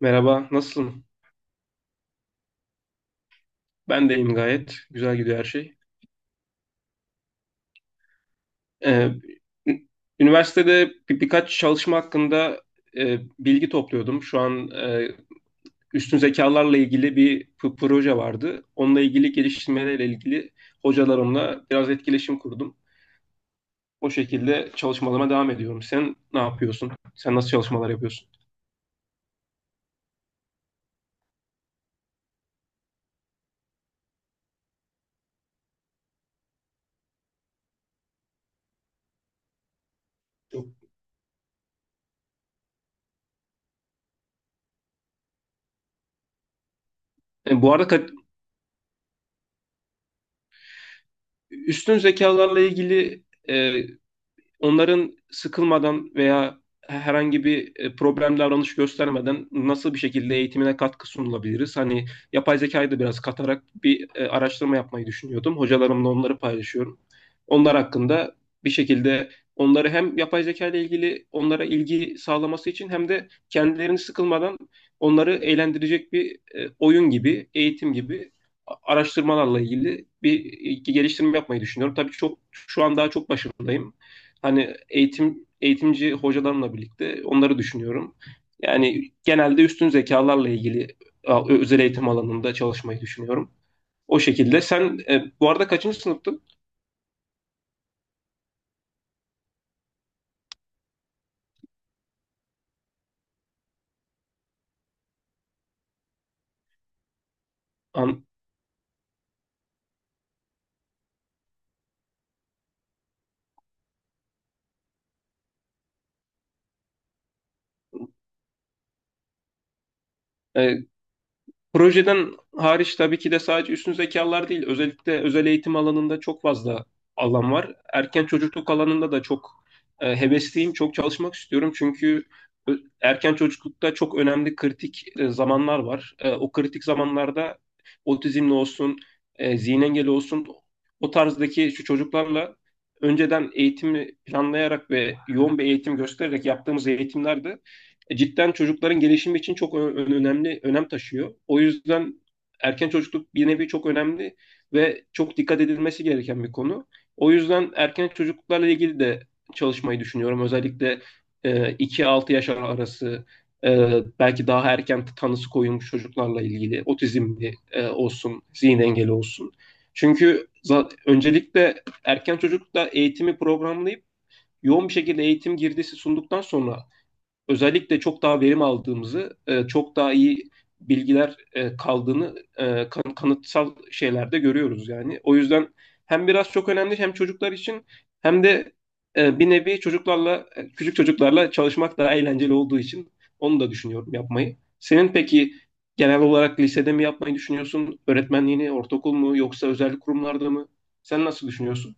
Merhaba, nasılsın? Ben de iyiyim gayet. Güzel gidiyor her şey. Ee, ü- Üniversitede birkaç çalışma hakkında bilgi topluyordum. Şu an üstün zekalarla ilgili bir proje vardı. Onunla ilgili geliştirmelerle ilgili hocalarımla biraz etkileşim kurdum. O şekilde çalışmalarıma devam ediyorum. Sen ne yapıyorsun? Sen nasıl çalışmalar yapıyorsun? E, bu arada kat- Üstün zekalarla ilgili e, onların sıkılmadan veya herhangi bir problem davranış göstermeden nasıl bir şekilde eğitimine katkı sunulabiliriz? Hani yapay zekayı da biraz katarak bir araştırma yapmayı düşünüyordum. Hocalarımla onları paylaşıyorum. Onlar hakkında bir şekilde onları hem yapay zeka ile ilgili onlara ilgi sağlaması için hem de kendilerini sıkılmadan onları eğlendirecek bir oyun gibi, eğitim gibi araştırmalarla ilgili bir geliştirme yapmayı düşünüyorum. Tabii çok şu an daha çok başındayım hani eğitimci hocalarımla birlikte onları düşünüyorum. Yani genelde üstün zekalarla ilgili özel eğitim alanında çalışmayı düşünüyorum. O şekilde. Sen bu arada kaçıncı sınıftın? An, e, Projeden hariç tabii ki de sadece üstün zekalar değil, özellikle özel eğitim alanında çok fazla alan var. Erken çocukluk alanında da çok hevesliyim, çok çalışmak istiyorum. Çünkü erken çocuklukta çok önemli kritik zamanlar var. O kritik zamanlarda otizmli olsun, zihin engeli olsun o tarzdaki şu çocuklarla önceden eğitimi planlayarak ve yoğun bir eğitim göstererek yaptığımız eğitimlerde cidden çocukların gelişimi için çok önemli önem taşıyor. O yüzden erken çocukluk bir nevi çok önemli ve çok dikkat edilmesi gereken bir konu. O yüzden erken çocukluklarla ilgili de çalışmayı düşünüyorum. Özellikle 2-6 yaş arası e, belki daha erken tanısı koyulmuş çocuklarla ilgili otizmli olsun, zihin engeli olsun. Çünkü öncelikle erken çocuklukta eğitimi programlayıp yoğun bir şekilde eğitim girdisi sunduktan sonra özellikle çok daha verim aldığımızı, çok daha iyi bilgiler kaldığını kanıtsal şeylerde görüyoruz yani. O yüzden hem biraz çok önemli hem çocuklar için hem de bir nevi çocuklarla, küçük çocuklarla çalışmak daha eğlenceli olduğu için onu da düşünüyorum yapmayı. Senin peki genel olarak lisede mi yapmayı düşünüyorsun? Öğretmenliğini, ortaokul mu yoksa özel kurumlarda mı? Sen nasıl düşünüyorsun?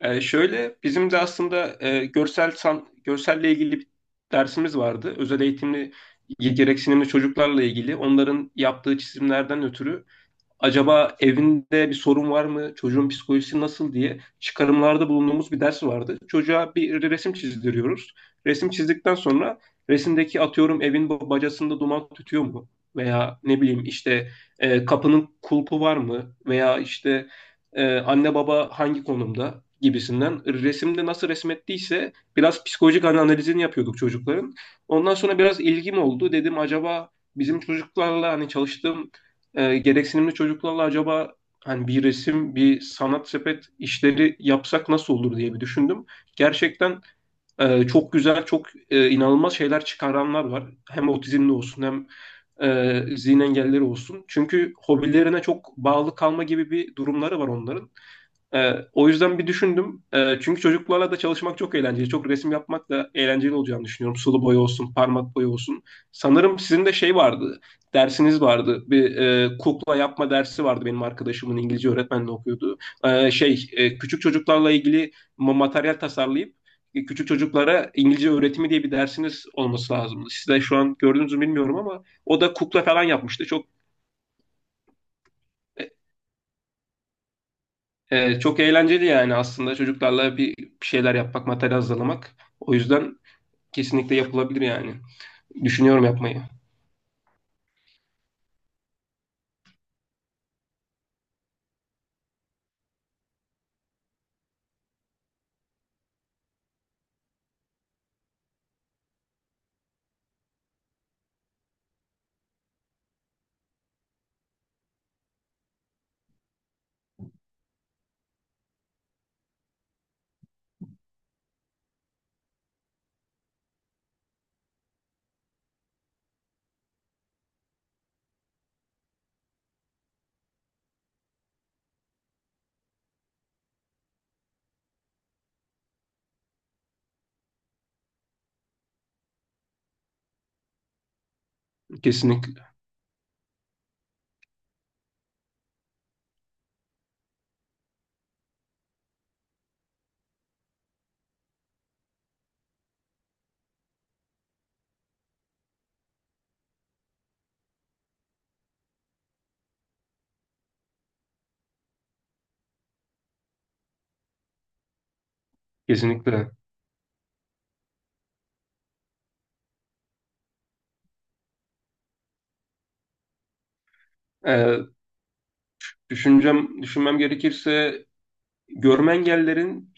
Şöyle bizim de aslında görselle ilgili bir dersimiz vardı. Özel eğitimli gereksinimli çocuklarla ilgili. Onların yaptığı çizimlerden ötürü acaba evinde bir sorun var mı, çocuğun psikolojisi nasıl diye çıkarımlarda bulunduğumuz bir ders vardı. Çocuğa bir resim çizdiriyoruz. Resim çizdikten sonra resimdeki atıyorum evin bacasında duman tütüyor mu? Veya ne bileyim işte kapının kulpu var mı? Veya işte anne baba hangi konumda gibisinden resimde nasıl resmettiyse biraz psikolojik analizini yapıyorduk çocukların. Ondan sonra biraz ilgim oldu. Dedim acaba bizim çocuklarla hani çalıştığım gereksinimli çocuklarla acaba hani bir resim, bir sanat sepet işleri yapsak nasıl olur diye bir düşündüm. Gerçekten çok güzel, çok inanılmaz şeyler çıkaranlar var. Hem otizmli olsun hem zihin engelleri olsun. Çünkü hobilerine çok bağlı kalma gibi bir durumları var onların. O yüzden bir düşündüm. Çünkü çocuklarla da çalışmak çok eğlenceli. Çok resim yapmak da eğlenceli olacağını düşünüyorum. Sulu boya olsun, parmak boya olsun. Sanırım sizin de şey vardı, dersiniz vardı. Bir kukla yapma dersi vardı benim arkadaşımın İngilizce öğretmenle okuyordu. Şey, küçük çocuklarla ilgili materyal tasarlayıp küçük çocuklara İngilizce öğretimi diye bir dersiniz olması lazımdı. Siz de şu an gördünüz mü bilmiyorum ama o da kukla falan yapmıştı. Çok eğlenceli yani aslında çocuklarla bir şeyler yapmak, materyal hazırlamak. O yüzden kesinlikle yapılabilir yani. Düşünüyorum yapmayı. Kesinlikle. Kesinlikle. Ee, Düşünmem gerekirse görme engellerin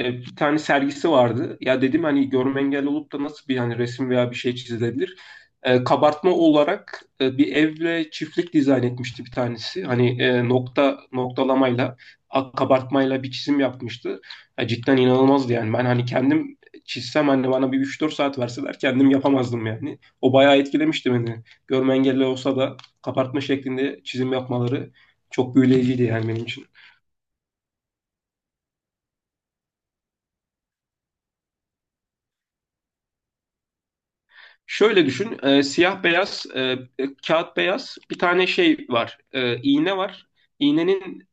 bir tane sergisi vardı. Ya dedim hani görme engelli olup da nasıl bir hani resim veya bir şey çizilebilir? Kabartma olarak bir evle çiftlik dizayn etmişti bir tanesi. Hani nokta noktalamayla kabartmayla bir çizim yapmıştı. Ya cidden inanılmazdı yani. Ben hani kendim çizsem hani bana bir 3-4 saat verseler kendim yapamazdım yani. O bayağı etkilemişti beni. Görme engelli olsa da kabartma şeklinde çizim yapmaları çok büyüleyiciydi yani benim için. Şöyle düşün, siyah beyaz, kağıt beyaz bir tane şey var, iğne var. İğnenin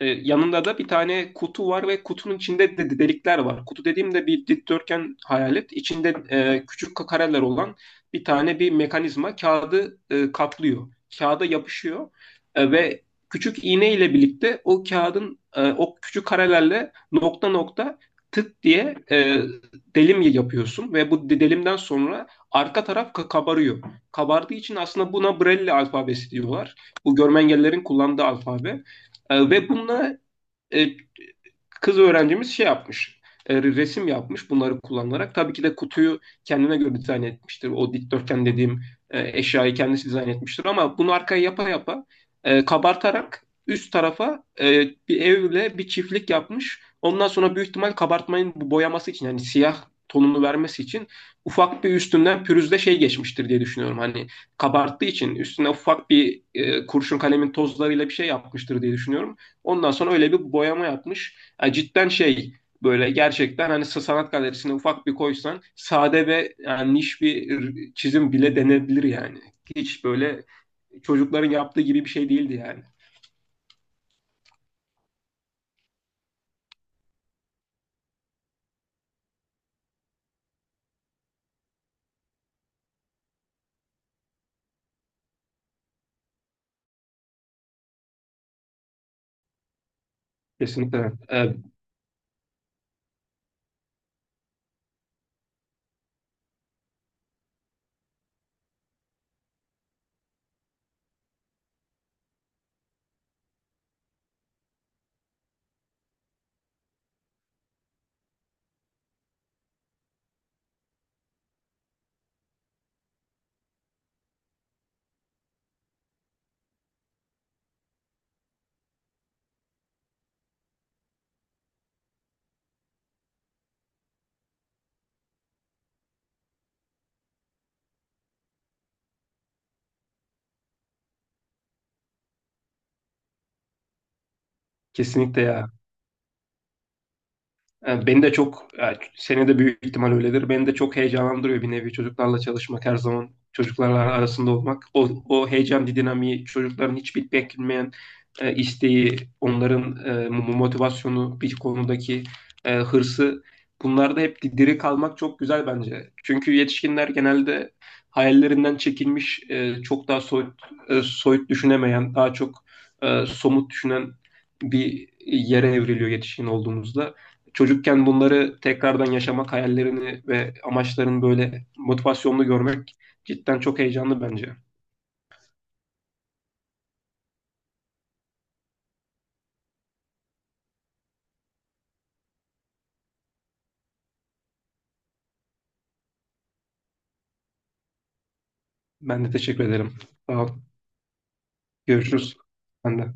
yanında da bir tane kutu var ve kutunun içinde de delikler var. Kutu dediğimde bir dikdörtgen hayal et. İçinde küçük kareler olan bir tane bir mekanizma kağıdı kaplıyor. Kağıda yapışıyor. Ve küçük iğne ile birlikte o kağıdın o küçük karelerle nokta nokta tık diye delim yapıyorsun ve bu delimden sonra arka taraf kabarıyor. Kabardığı için aslında buna Braille alfabesi diyorlar. Bu görme engellilerin kullandığı alfabe. Ve bununla e, kız öğrencimiz şey yapmış. Resim yapmış bunları kullanarak. Tabii ki de kutuyu kendine göre dizayn etmiştir. O dikdörtgen dediğim eşyayı kendisi dizayn etmiştir. Ama bunu arkaya yapa yapa kabartarak üst tarafa bir evle bir çiftlik yapmış. Ondan sonra büyük ihtimal kabartmanın bu boyaması için yani siyah tonunu vermesi için ufak bir üstünden pürüzle şey geçmiştir diye düşünüyorum. Hani kabarttığı için üstüne ufak bir kurşun kalemin tozlarıyla bir şey yapmıştır diye düşünüyorum. Ondan sonra öyle bir boyama yapmış. Ya cidden şey böyle gerçekten hani sanat galerisine ufak bir koysan sade ve yani niş bir çizim bile denebilir yani. Hiç böyle çocukların yaptığı gibi bir şey değildi yani. Kesinlikle. Kesinlikle ya. Beni de çok, yani seni de büyük ihtimal öyledir. Beni de çok heyecanlandırıyor bir nevi çocuklarla çalışmak her zaman. Çocuklarla arasında olmak. O heyecan dinamiği, çocukların hiç beklenmeyen isteği, onların motivasyonu, bir konudaki hırsı. Bunlarda hep diri kalmak çok güzel bence. Çünkü yetişkinler genelde hayallerinden çekilmiş, çok daha soyut, soyut düşünemeyen, daha çok somut düşünen bir yere evriliyor yetişkin olduğumuzda çocukken bunları tekrardan yaşamak hayallerini ve amaçlarını böyle motivasyonlu görmek cidden çok heyecanlı bence. Ben de teşekkür ederim. Sağ ol. Görüşürüz. Ben de.